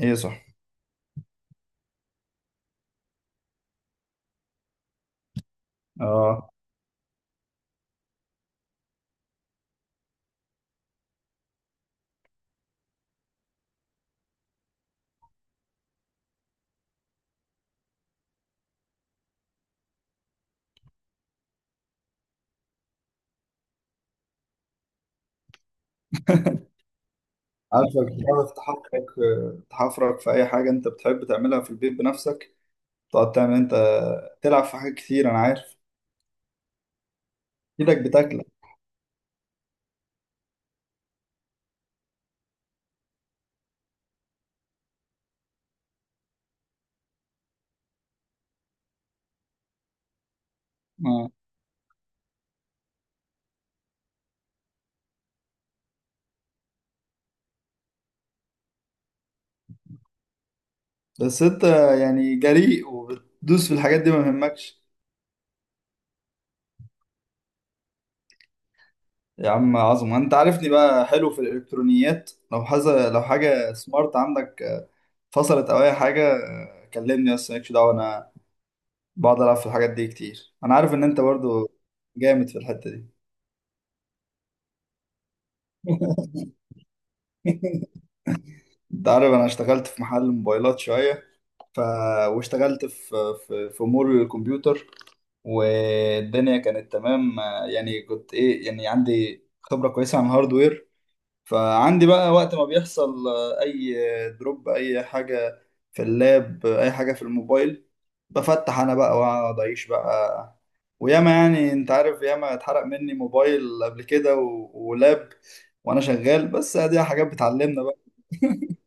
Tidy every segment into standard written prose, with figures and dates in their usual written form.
ايه صح. اه. عارفك بتعرف تحفرك، تحفرك في اي حاجه انت بتحب تعملها في البيت بنفسك، تقعد تعمل انت، تلعب في حاجات كتير، انا عارف. ايدك بتاكلك. اه. بس انت يعني جريء وبتدوس في الحاجات دي ما يهمكش. يا عم عظمه، انت عارفني بقى حلو في الالكترونيات، لو حاجه سمارت عندك فصلت او اي حاجه كلمني، بس مالكش دعوه، انا بقعد العب في الحاجات دي كتير، انا عارف ان انت برضو جامد في الحته دي. انت عارف انا اشتغلت في محل موبايلات شويه، ف... واشتغلت في امور الكمبيوتر، والدنيا كانت تمام. يعني كنت ايه، يعني عندي خبره كويسه عن الهاردوير. فعندي بقى وقت ما بيحصل اي دروب، اي حاجه في اللاب، اي حاجه في الموبايل، بفتح انا بقى واقعد اعيش بقى. وياما، يعني انت عارف، ياما اتحرق مني موبايل قبل كده ولاب، وانا شغال، بس دي حاجات بتعلمنا بقى.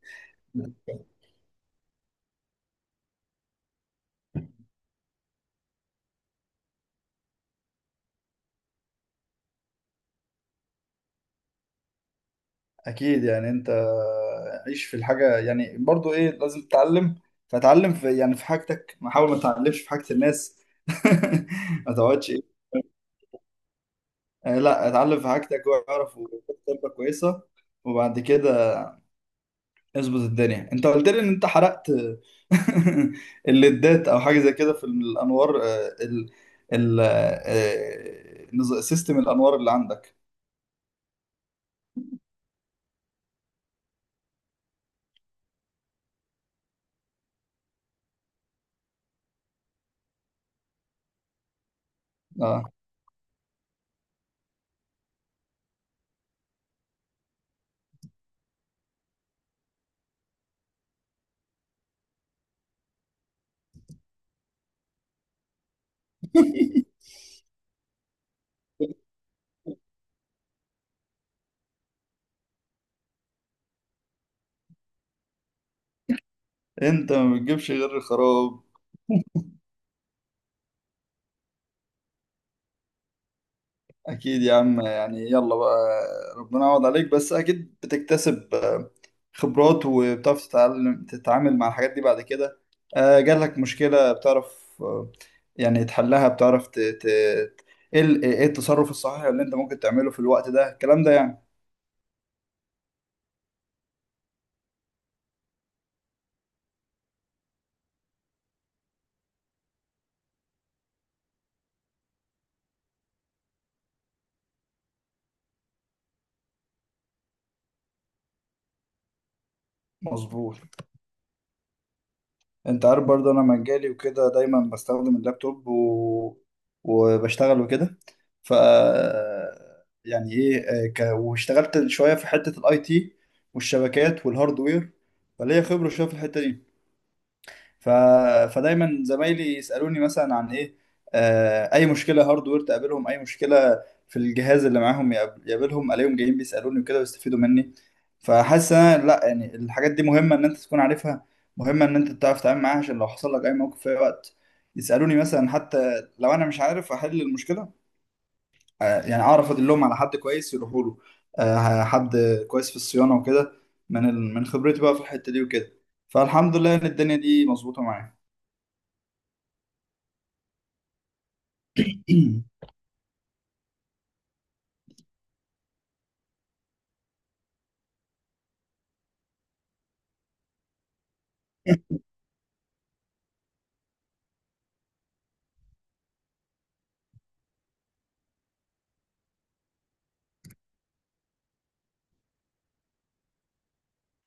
اكيد، يعني انت عيش في الحاجه، يعني برضو ايه لازم تتعلم. فتعلم في يعني في حاجتك، ما حاول ما تتعلمش في حاجه الناس. ما تقعدش ايه، لا، اتعلم في حاجتك، واعرف وخد خبره كويسه، وبعد كده اظبط الدنيا. انت قلت لي ان انت حرقت الليدات او حاجه زي كده في الانوار، سيستم الانوار اللي عندك. اه. انت ما بتجيبش غير الخراب. أكيد يا عم، يعني يلا بقى، ربنا يعوض عليك، بس أكيد بتكتسب خبرات، وبتعرف تتعلم تتعامل مع الحاجات دي بعد كده. جالك مشكلة بتعرف، يعني تحلها، بتعرف إيه التصرف الصحيح اللي أنت ممكن تعمله في الوقت ده، الكلام ده يعني. مظبوط. انت عارف برضه انا مجالي وكده، دايما بستخدم اللابتوب وبشتغل وكده. ف يعني ايه، واشتغلت شويه في حته الاي تي والشبكات والهاردوير، فليا خبره شويه في الحته دي. ف... فدايما زمايلي يسألوني مثلا عن ايه، اي مشكلة هاردوير تقابلهم، اي مشكلة في الجهاز اللي معاهم يقابلهم، الاقيهم جايين بيسألوني وكده ويستفيدوا مني. فحاسس إن أنا، لا يعني الحاجات دي مهمة ان انت تكون عارفها، مهمة ان انت تعرف تتعامل معاها عشان لو حصل لك اي موقف في اي وقت. يسألوني مثلا، حتى لو انا مش عارف احل المشكلة، يعني اعرف ادلهم على حد كويس يروحوا له، حد كويس في الصيانة وكده، من خبرتي بقى في الحتة دي وكده. فالحمد لله ان الدنيا دي مظبوطة معايا.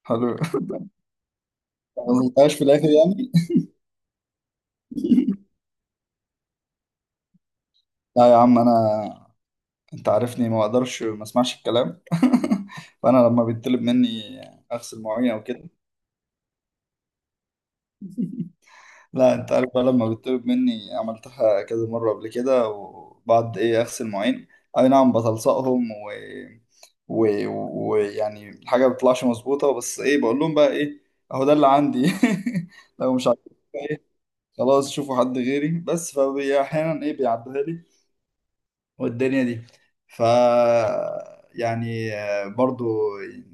حلو، ما قلتهاش في الاخر يعني. لا يا عم، انا انت عارفني ما اقدرش ما اسمعش الكلام. فانا لما بيطلب مني اغسل مواعين او كده. لا، انت عارف بقى، لما بيطلب مني عملتها كذا مره قبل كده، وبعد ايه اغسل مواعين. اي نعم، بتلصقهم، ويعني الحاجه ما بتطلعش مظبوطه، بس ايه بقول لهم بقى ايه، اهو ده اللي عندي. لو مش عاجبكم خلاص شوفوا حد غيري، بس فاحيانا ايه بيعدوها لي والدنيا دي. ف يعني برضو يعني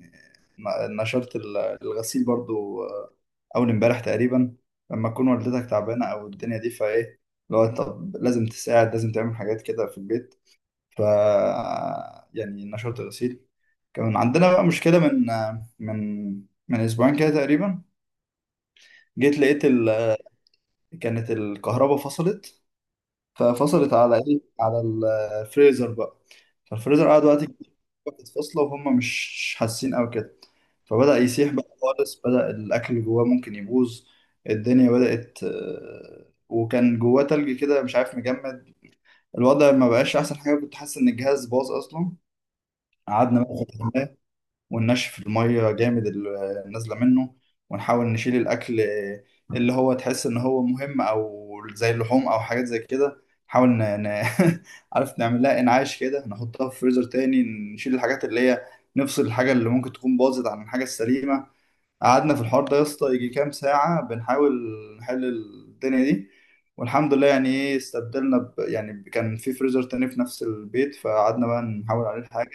نشرت الغسيل برضو، اول امبارح تقريبا. لما تكون والدتك تعبانه او الدنيا دي فايه، لو طب لازم تساعد لازم تعمل حاجات كده في البيت. ف يعني نشرت الغسيل. كان عندنا بقى مشكله من آه، من من اسبوعين كده تقريبا. جيت لقيت كانت الكهرباء فصلت، ففصلت على ايه، على الفريزر بقى، فالفريزر قعد وقت كتير، كانت فاصله وهم مش حاسين او كده. فبدأ يسيح بقى خالص، بدأ الاكل اللي جواه ممكن يبوظ، الدنيا بدأت. وكان جواه تلج كده مش عارف، مجمد. الوضع ما بقاش احسن حاجه، كنت حاسس ان الجهاز باظ اصلا. قعدنا بقى وننشف المية جامد اللي نازلة منه، ونحاول نشيل الأكل اللي هو تحس إن هو مهم، أو زي اللحوم أو حاجات زي كده. نحاول عارف نعمل لها إنعاش كده، نحطها في فريزر تاني. نشيل الحاجات اللي هي، نفصل الحاجة اللي ممكن تكون باظت عن الحاجة السليمة. قعدنا في الحوار ده يا اسطى يجي كام ساعة بنحاول نحل الدنيا دي، والحمد لله يعني ايه استبدلنا يعني كان في فريزر تاني في نفس البيت، فقعدنا بقى نحاول عليه الحاجة.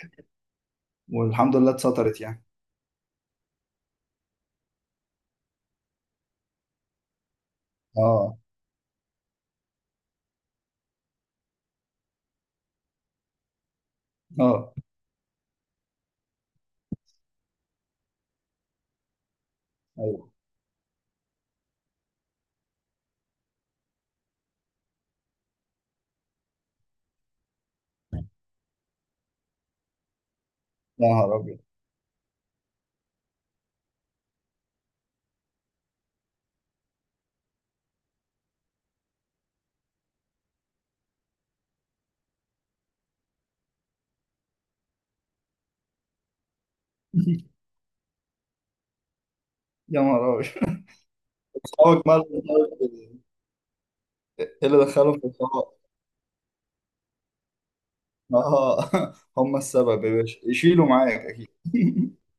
والحمد لله اتسطرت يعني. اه. اه. ايوه. يا نهار ابيض. يا نهار ابيط. اصحابك مالهم طيب؟ ايه اللي دخلهم في الحوار؟ اه. هم السبب يا باشا، يشيلوا معاك اكيد.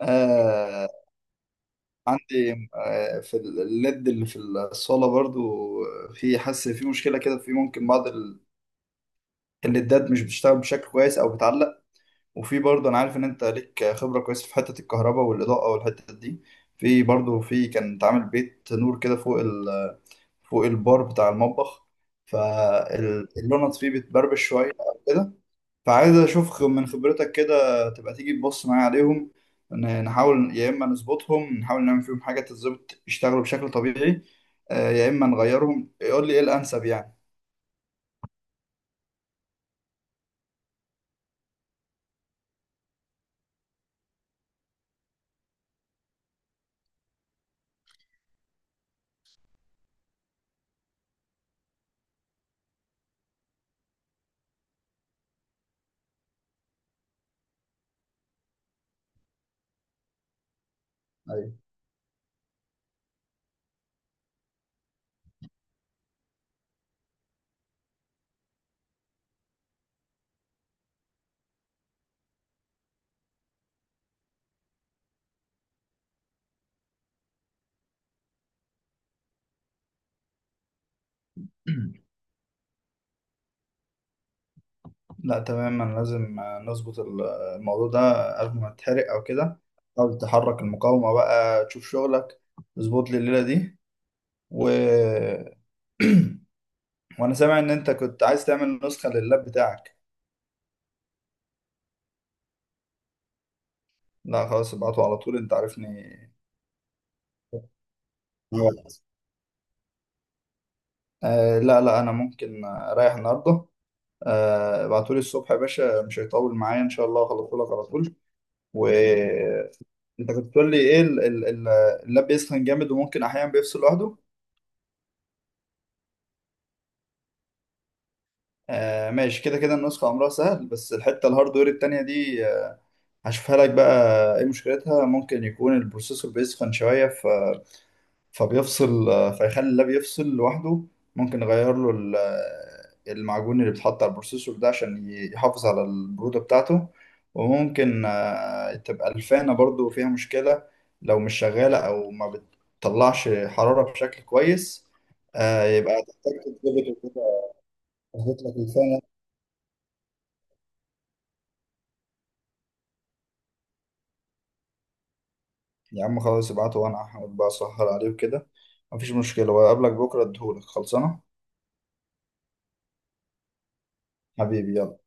آه عندي في الليد اللي في الصاله برضو، في حاسس في مشكله كده، في ممكن بعض الليدات مش بتشتغل بشكل كويس او بتعلق. وفي برضو انا عارف ان انت ليك خبره كويسه في حته الكهرباء والاضاءه والحته دي. في برضو، في كان اتعمل بيت نور كده فوق، فوق البار بتاع المطبخ، فاللونات فيه بتبربش شوية أو كده. فعايز أشوف من خبرتك كده تبقى تيجي تبص معايا عليهم، نحاول يا إما نظبطهم، نحاول نعمل فيهم حاجة تظبط يشتغلوا بشكل طبيعي، يا إما نغيرهم، يقول لي إيه الأنسب يعني. أيوة. لا تمام، أنا لازم نظبط الموضوع ده قبل ما تتحرق أو كده، حاول تحرك المقاومة بقى تشوف شغلك، اظبط لي الليلة دي. و وانا سامع ان انت كنت عايز تعمل نسخة لللاب بتاعك. لا خلاص، ابعته على طول، انت عارفني. خلاص. آه لا لا، انا ممكن اريح النهارده. آه ابعتولي الصبح يا باشا، مش هيطول معايا ان شاء الله، هخلصهولك على طول. وانت كنت بتقول لي ايه اللاب بيسخن جامد، وممكن احيانا بيفصل لوحده. آه ماشي، كده كده النسخة امرها سهل، بس الحتة الهاردوير التانية دي هشوفها لك بقى ايه مشكلتها. ممكن يكون البروسيسور بيسخن شوية فبيفصل، فيخلي اللاب يفصل لوحده. ممكن نغير له المعجون اللي بيتحط على البروسيسور ده عشان يحافظ على البرودة بتاعته. وممكن تبقى الفانة برضو فيها مشكلة، لو مش شغالة أو ما بتطلعش حرارة بشكل كويس، يبقى تحتاج تتظبط وكده. أظبط لك الفانة. يا عم خلاص، ابعته وأنا هحاول بقى أسهر عليه وكده، مفيش مشكلة، وأقابلك بكرة أديهولك خلصانة. حبيبي يلا.